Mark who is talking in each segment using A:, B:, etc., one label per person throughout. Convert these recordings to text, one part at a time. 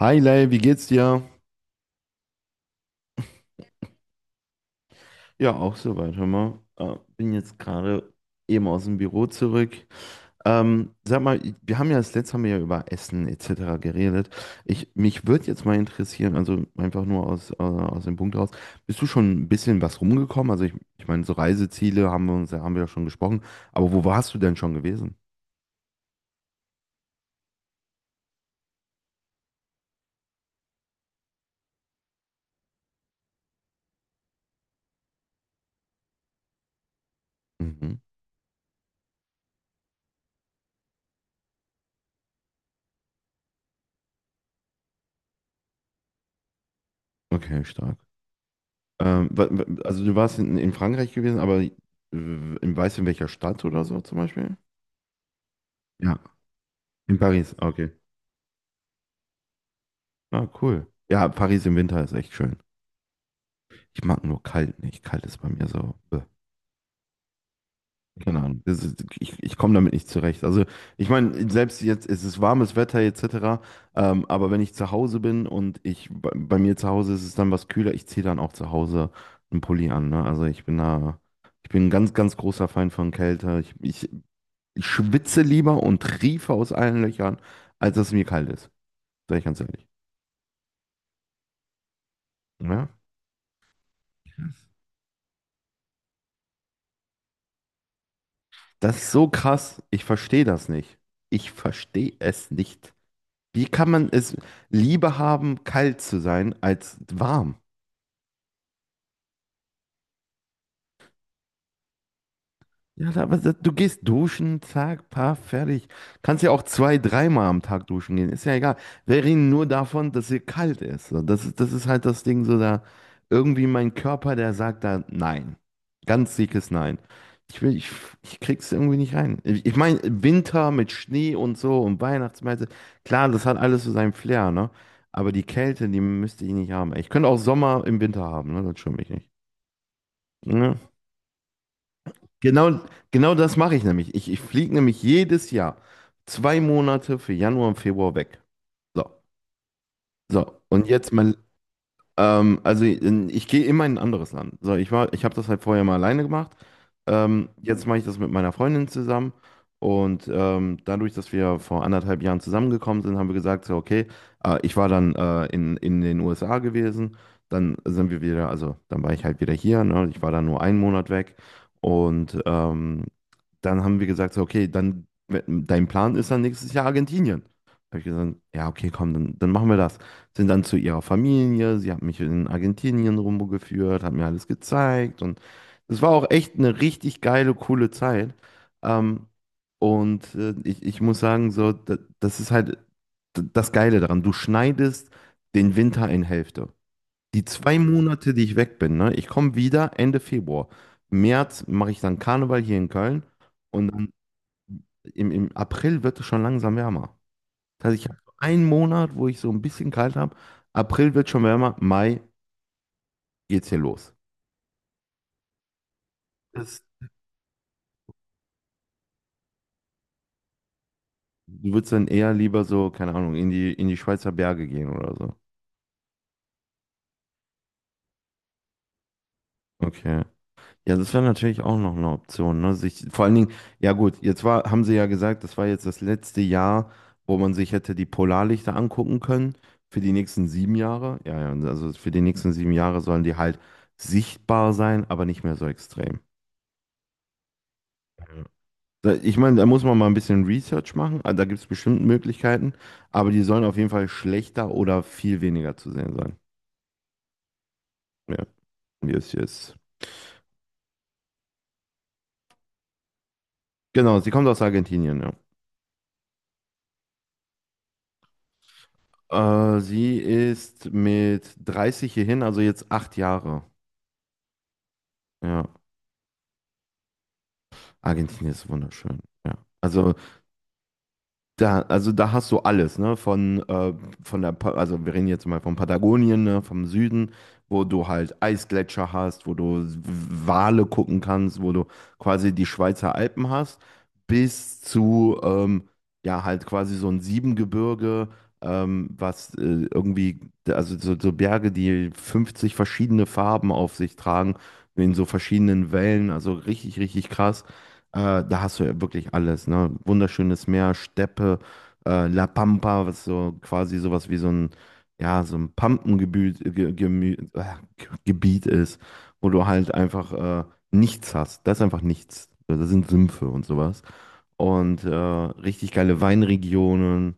A: Hi Lei, wie geht's dir? Ja, auch soweit, hör mal. Bin jetzt gerade eben aus dem Büro zurück. Sag mal, wir haben ja das letzte Mal ja über Essen etc. geredet. Mich würde jetzt mal interessieren, also einfach nur aus, aus dem Punkt raus, bist du schon ein bisschen was rumgekommen? Also ich meine, so Reiseziele haben wir uns, haben wir ja schon gesprochen, aber wo warst du denn schon gewesen? Mhm. Okay, stark. Also du warst in Frankreich gewesen, aber weißt du, in welcher Stadt oder so zum Beispiel? Ja. In Paris, okay. Ah, cool. Ja, Paris im Winter ist echt schön. Ich mag nur kalt nicht. Kalt ist bei mir so. Keine Ahnung. Das ist, ich komme damit nicht zurecht. Also, ich meine, selbst jetzt ist es warmes Wetter etc. Aber wenn ich zu Hause bin und ich bei mir zu Hause ist es dann was kühler, ich ziehe dann auch zu Hause einen Pulli an. Ne? Also, ich bin da. Ich bin ein ganz, ganz großer Feind von Kälte. Ich schwitze lieber und triefe aus allen Löchern, als dass es mir kalt ist. Sag ich ganz ehrlich. Ja? Das ist so krass. Ich verstehe das nicht. Ich verstehe es nicht. Wie kann man es lieber haben, kalt zu sein, als warm? Ja, aber du gehst duschen, zack, paar, fertig. Kannst ja auch zwei, dreimal am Tag duschen gehen. Ist ja egal. Wir reden nur davon, dass hier kalt ist. So, das ist halt das Ding, so da irgendwie mein Körper, der sagt da nein. Ganz dickes Nein. Ich will, ich krieg's irgendwie nicht rein. Ich meine, Winter mit Schnee und so und Weihnachtsmärkte, klar, das hat alles so seinen Flair, ne? Aber die Kälte, die müsste ich nicht haben. Ich könnte auch Sommer im Winter haben, ne? Das stört mich nicht. Ne? Genau, genau das mache ich nämlich. Ich fliege nämlich jedes Jahr 2 Monate für Januar und Februar weg. So, so. Und jetzt mein, also ich gehe immer in ein anderes Land. So, ich war, ich habe das halt vorher mal alleine gemacht. Jetzt mache ich das mit meiner Freundin zusammen. Und dadurch, dass wir vor anderthalb Jahren zusammengekommen sind, haben wir gesagt, so, okay, ich war dann in den USA gewesen. Dann sind wir wieder, also dann war ich halt wieder hier. Ne? Ich war dann nur einen Monat weg. Und dann haben wir gesagt, so, okay, dann dein Plan ist dann nächstes Jahr Argentinien. Habe ich gesagt, ja, okay, komm, dann machen wir das. Sind dann zu ihrer Familie, sie hat mich in Argentinien rumgeführt, hat mir alles gezeigt und es war auch echt eine richtig geile, coole Zeit. Ähm, und ich muss sagen, so, das ist halt das Geile daran. Du schneidest den Winter in Hälfte. Die 2 Monate, die ich weg bin, ne? Ich komme wieder Ende Februar. Im März mache ich dann Karneval hier in Köln und dann im April wird es schon langsam wärmer. Das heißt, ich habe einen Monat, wo ich so ein bisschen kalt habe. April wird schon wärmer, Mai geht's hier los. Das, du würdest dann eher lieber so, keine Ahnung, in die Schweizer Berge gehen oder so. Okay. Ja, das wäre natürlich auch noch eine Option, ne? Sich, vor allen Dingen, ja gut, jetzt war, haben sie ja gesagt, das war jetzt das letzte Jahr, wo man sich hätte die Polarlichter angucken können für die nächsten 7 Jahre. Ja, ja, also für die nächsten 7 Jahre sollen die halt sichtbar sein, aber nicht mehr so extrem. Ich meine, da muss man mal ein bisschen Research machen, also da gibt es bestimmt Möglichkeiten, aber die sollen auf jeden Fall schlechter oder viel weniger zu sehen sein. Ja, wie es hier. Genau, sie kommt aus Argentinien, ja. Sie ist mit 30 hierhin, also jetzt 8 Jahre. Ja, Argentinien ist wunderschön. Ja, also da, also da hast du alles, ne? Von der, also wir reden jetzt mal von Patagonien, ne? Vom Süden, wo du halt Eisgletscher hast, wo du Wale gucken kannst, wo du quasi die Schweizer Alpen hast, bis zu, ja, halt quasi so ein Siebengebirge, was irgendwie, also so Berge, die 50 verschiedene Farben auf sich tragen, in so verschiedenen Wellen, also richtig, richtig krass. Da hast du ja wirklich alles, ne? Wunderschönes Meer, Steppe, La Pampa, was so quasi sowas wie so ein, ja, so ein Pampengebiet Gebiet ist, wo du halt einfach nichts hast. Da ist einfach nichts. Da sind Sümpfe und sowas. Und richtig geile Weinregionen.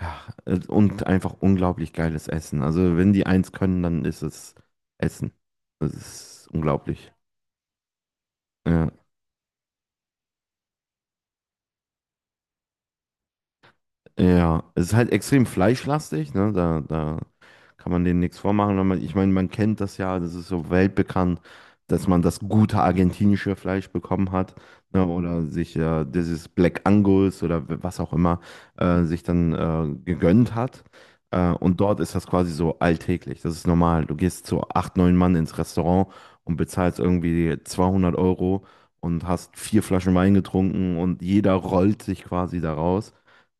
A: Ja, und einfach unglaublich geiles Essen. Also wenn die eins können, dann ist es Essen. Das ist unglaublich. Ja. Ja, es ist halt extrem fleischlastig, ne? Da kann man denen nichts vormachen. Wenn Man, ich meine, man kennt das ja, das ist so weltbekannt, dass man das gute argentinische Fleisch bekommen hat, ne? Oder sich dieses Black Angus oder was auch immer sich dann gegönnt hat. Und dort ist das quasi so alltäglich. Das ist normal. Du gehst zu acht, neun Mann ins Restaurant und bezahlst irgendwie 200 € und hast vier Flaschen Wein getrunken und jeder rollt sich quasi da raus.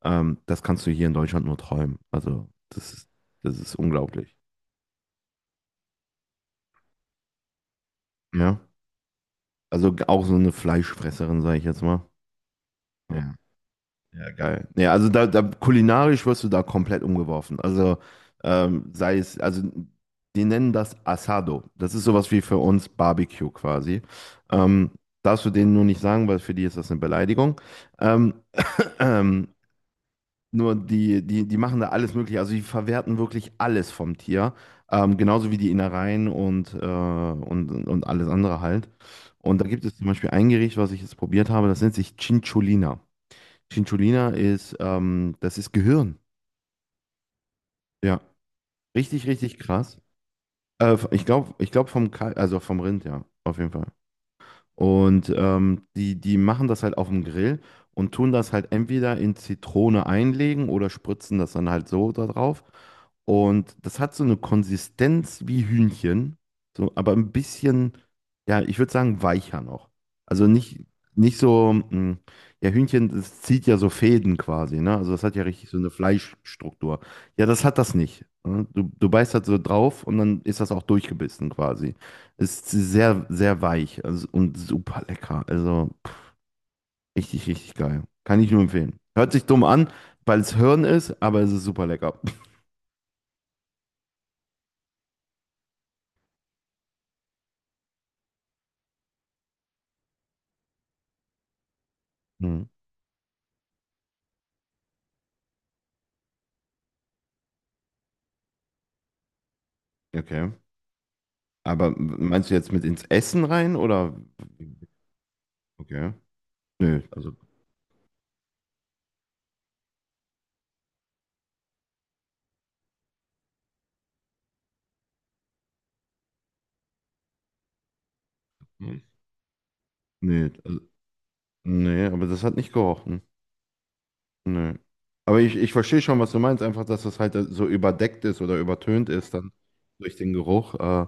A: Das kannst du hier in Deutschland nur träumen. Also, das ist unglaublich. Ja. Also auch so eine Fleischfresserin, sage ich jetzt mal. Ja, ja, ja, geil. Ja, also da kulinarisch wirst du da komplett umgeworfen. Also sei es, also die nennen das Asado. Das ist sowas wie für uns Barbecue quasi. Ähm, darfst du denen nur nicht sagen, weil für die ist das eine Beleidigung. Ähm, ähm, Nur die, die machen da alles Mögliche. Also die verwerten wirklich alles vom Tier. Genauso wie die Innereien und alles andere halt. Und da gibt es zum Beispiel ein Gericht, was ich jetzt probiert habe, das nennt sich Cinciolina. Cinciolina ist, das ist Gehirn. Ja, richtig, richtig krass. Ich glaube, ich glaub vom Kalb, also vom Rind, ja, auf jeden Fall. Und die, machen das halt auf dem Grill und tun das halt entweder in Zitrone einlegen oder spritzen das dann halt so da drauf. Und das hat so eine Konsistenz wie Hühnchen, so, aber ein bisschen, ja, ich würde sagen, weicher noch. Also nicht so, ja, Hühnchen, das zieht ja so Fäden quasi, ne? Also das hat ja richtig so eine Fleischstruktur. Ja, das hat das nicht, ne? Du beißt halt so drauf und dann ist das auch durchgebissen quasi. Ist sehr, sehr weich also, und super lecker. Also pff, richtig, richtig geil. Kann ich nur empfehlen. Hört sich dumm an, weil es Hirn ist, aber es ist super lecker. Mhm. Okay. Aber meinst du jetzt mit ins Essen rein oder? Okay. Nee, also. Mhm. Nee, also, nee, aber das hat nicht gerochen. Nö. Aber ich verstehe schon, was du meinst, einfach, dass das halt so überdeckt ist oder übertönt ist dann durch den Geruch. Äh,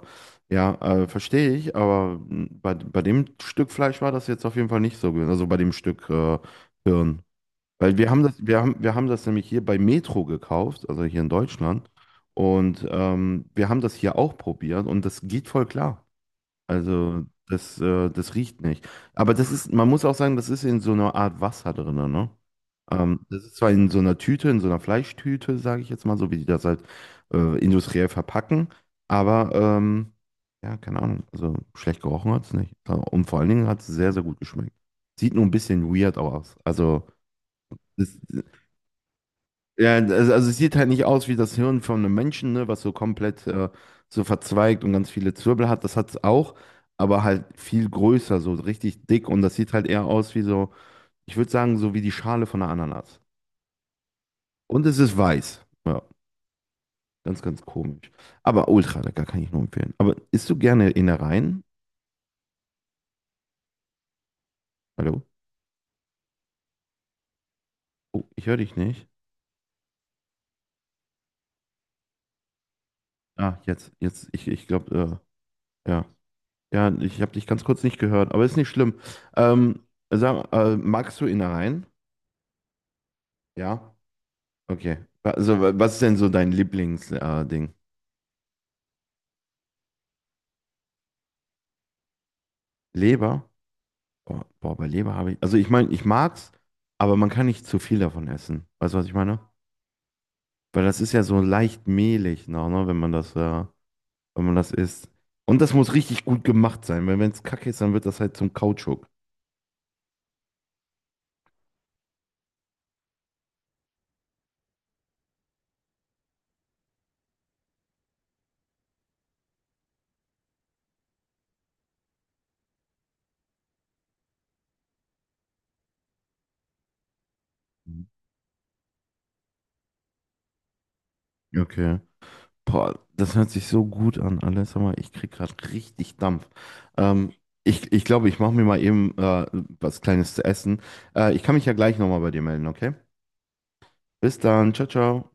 A: ja, verstehe ich, aber bei dem Stück Fleisch war das jetzt auf jeden Fall nicht so gewesen, also bei dem Stück Hirn. Weil wir haben das nämlich hier bei Metro gekauft, also hier in Deutschland. Und wir haben das hier auch probiert und das geht voll klar. Also das riecht nicht. Aber das ist, man muss auch sagen, das ist in so einer Art Wasser drin, ne? Das ist zwar in so einer Tüte, in so einer Fleischtüte, sage ich jetzt mal, so wie die das halt industriell verpacken, aber ja, keine Ahnung, also schlecht gerochen hat es nicht. Und vor allen Dingen hat es sehr, sehr gut geschmeckt. Sieht nur ein bisschen weird aus. Also das, ja, also es sieht halt nicht aus wie das Hirn von einem Menschen, ne, was so komplett so verzweigt und ganz viele Zwirbel hat. Das hat es auch, aber halt viel größer, so richtig dick. Und das sieht halt eher aus wie so, ich würde sagen, so wie die Schale von einer Ananas. Und es ist weiß. Ja, ganz, ganz komisch. Aber ultra lecker, kann ich nur empfehlen. Aber isst du gerne Innereien? Hallo? Oh, ich höre dich nicht. Ah, jetzt, ich glaube, ja. Ja, ich habe dich ganz kurz nicht gehört, aber ist nicht schlimm. Ähm, sag, magst du Innereien? Ja. Okay. Also, was ist denn so dein Lieblingsding? Ding? Leber? Boah, boah, bei Leber habe ich. Also, ich meine, ich mag's, aber man kann nicht zu viel davon essen. Weißt du, was ich meine? Weil das ist ja so leicht mehlig noch, ne, wenn man das isst. Und das muss richtig gut gemacht sein, weil wenn es kacke ist, dann wird das halt zum Kautschuk. Mhm. Okay. Boah, das hört sich so gut an, alles. Sag mal, ich krieg gerade richtig Dampf. Ähm, ich glaube, ich mache mir mal eben was Kleines zu essen. Ich kann mich ja gleich nochmal bei dir melden, okay? Bis dann. Ciao, ciao.